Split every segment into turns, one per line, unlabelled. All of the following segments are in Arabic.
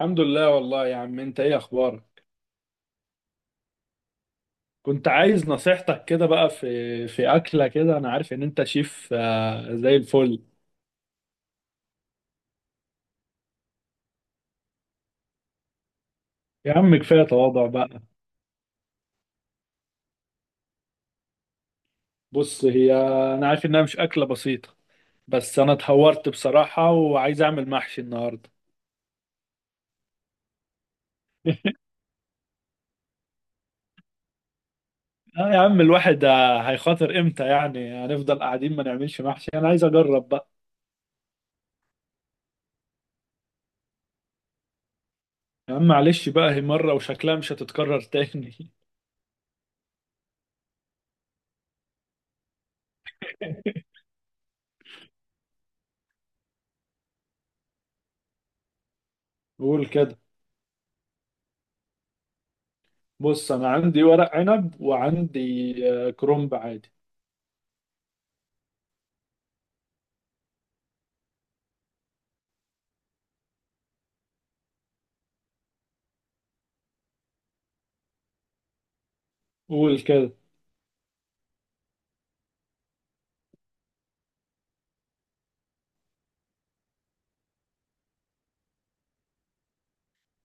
الحمد لله والله يا عم، انت ايه اخبارك؟ كنت عايز نصيحتك كده بقى في اكله كده. انا عارف ان انت شيف. زي الفل يا عم، كفايه تواضع بقى. بص هي، انا عارف انها مش اكله بسيطه، بس انا اتهورت بصراحه وعايز اعمل محشي النهارده. اه يا عم الواحد، هيخاطر امتى؟ يعني هنفضل قاعدين ما نعملش محشي؟ انا عايز اجرب بقى. يا عم معلش بقى، هي مره وشكلها مش هتتكرر تاني. قول كده. بص انا عندي ورق عنب وعندي، كرنب عادي. قول كده.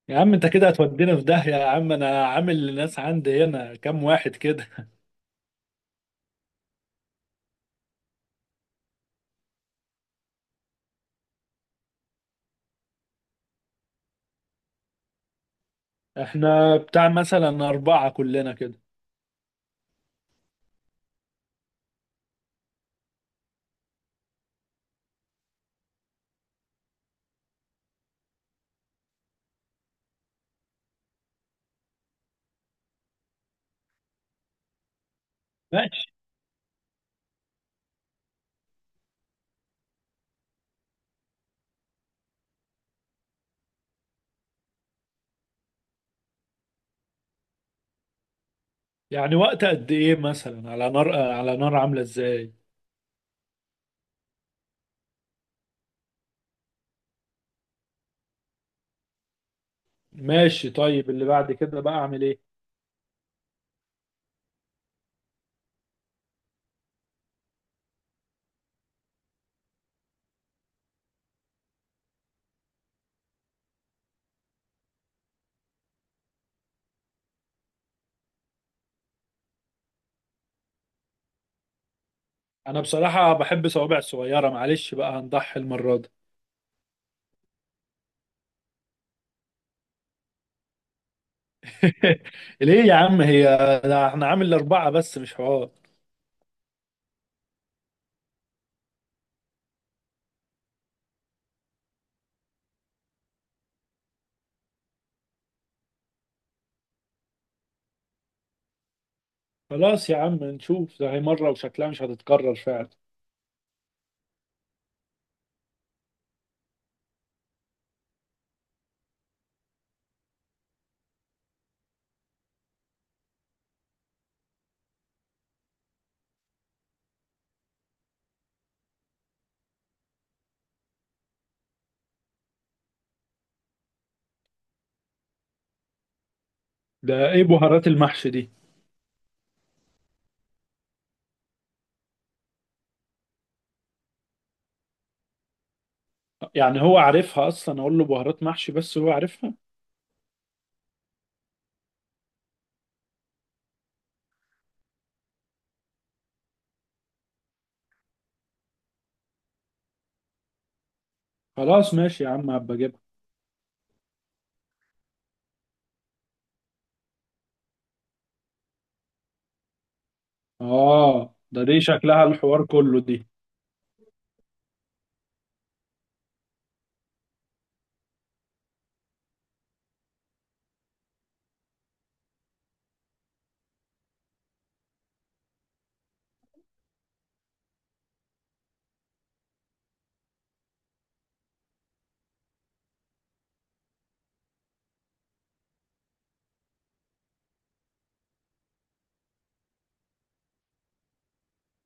يا عم انت كده هتودينا في داهية. يا عم انا عامل للناس عندي هنا كام واحد كده. احنا بتاع مثلا اربعة كلنا كده. ماشي. يعني وقت قد ايه مثلا؟ على نار، على نار عاملة ازاي؟ ماشي، طيب اللي بعد كده بقى اعمل ايه؟ انا بصراحة بحب صوابع صغيرة، معلش بقى هنضحي المرة دي. ليه يا عم؟ هي ده احنا عامل اربعة بس، مش حوار. خلاص يا عم نشوف، ده هي مرة وشكلها مش هتتكرر فعلا. ده ايه بهارات المحشي دي؟ يعني هو عارفها اصلا؟ اقول له بهارات محشي بس هو عارفها. خلاص ماشي يا عم، هبقى اجيبها. اه ده دي شكلها الحوار كله دي.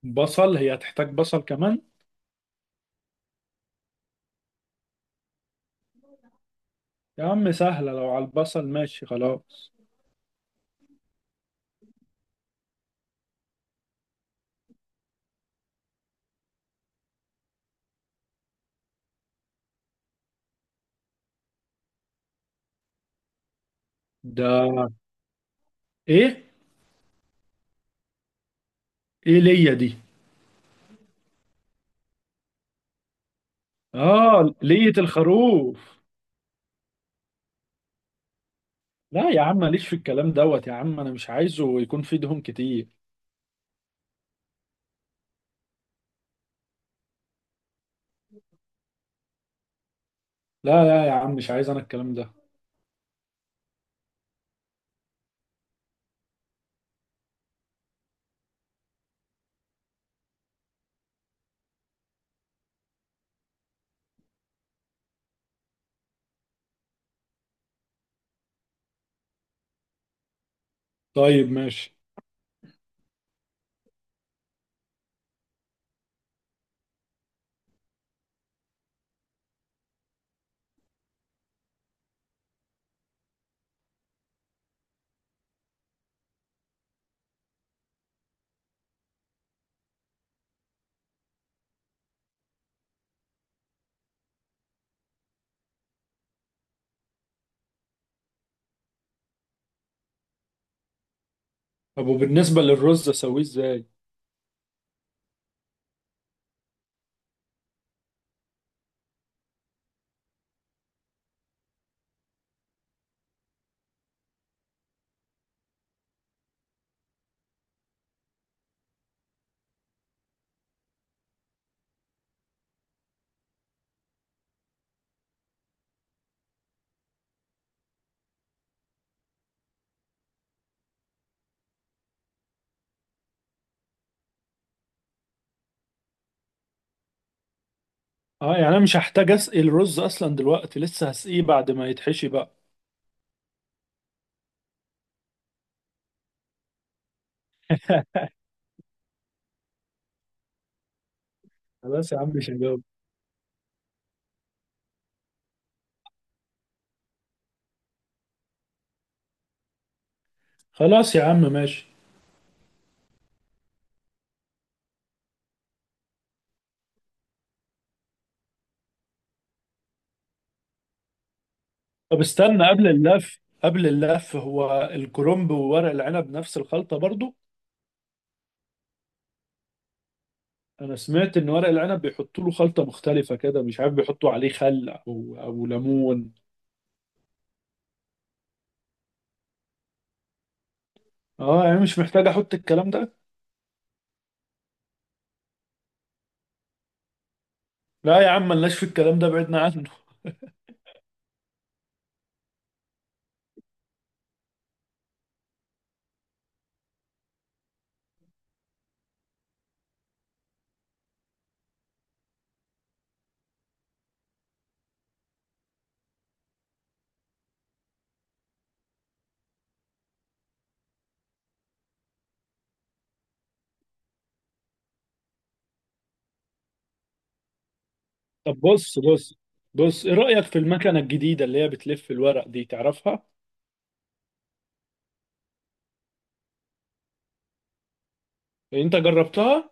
بصل؟ هي هتحتاج بصل كمان؟ يا عم سهلة، لو على البصل ماشي خلاص. ده ايه؟ ايه ليا دي؟ اه لية الخروف. لا يا عم، ماليش في الكلام دوت يا عم، انا مش عايزه يكون فيه دهون كتير. لا لا يا عم، مش عايز انا الكلام ده. طيب ماشي. طب وبالنسبة للرز اسويه ازاي؟ اه يعني انا مش هحتاج اسقي الرز اصلا دلوقتي؟ لسه هسقيه بعد ما يتحشي بقى؟ خلاص يا عم مش هجاوب. خلاص يا عم ماشي. طب استنى، قبل اللف، قبل اللف، هو الكرنب وورق العنب نفس الخلطة برضو؟ انا سمعت ان ورق العنب بيحطوا له خلطة مختلفة كده، مش عارف، بيحطوا عليه خل او ليمون. اه يعني مش محتاج احط الكلام ده. لا يا عم، ملناش في الكلام ده، بعدنا عنه. طب بص. بص ايه رأيك في المكنة الجديدة اللي هي بتلف الورق دي، تعرفها؟ انت جربتها؟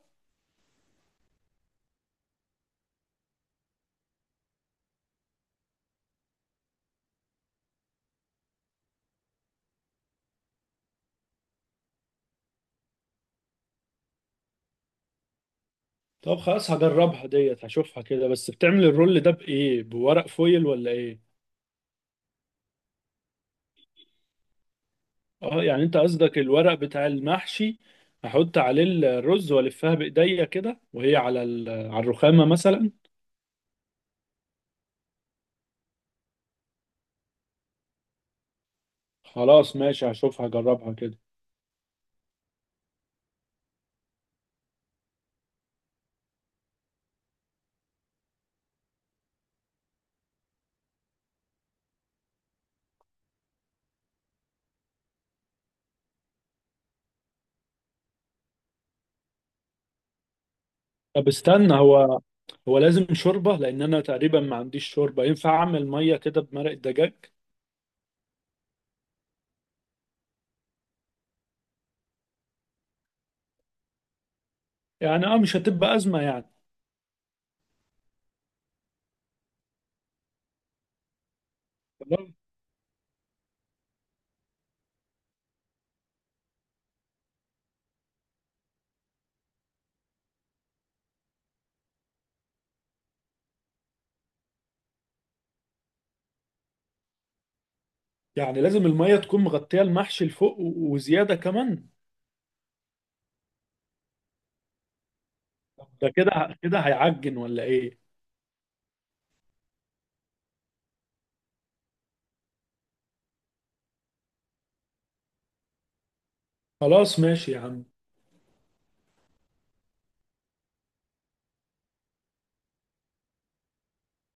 طب خلاص هجربها ديت، هشوفها كده. بس بتعمل الرول ده بإيه، بورق فويل ولا إيه؟ اه يعني انت قصدك الورق بتاع المحشي، احط عليه الرز والفها بايديا كده وهي على على الرخامة مثلا. خلاص ماشي، هشوفها هجربها كده. طب استنى، هو لازم شوربة؟ لان انا تقريبا ما عنديش شوربة، ينفع اعمل مية كده بمرق الدجاج؟ يعني اه مش هتبقى أزمة يعني. تمام. يعني لازم المية تكون مغطية المحشي لفوق وزيادة كمان؟ طب ده كده كده هيعجن ولا ايه؟ خلاص ماشي يا عم.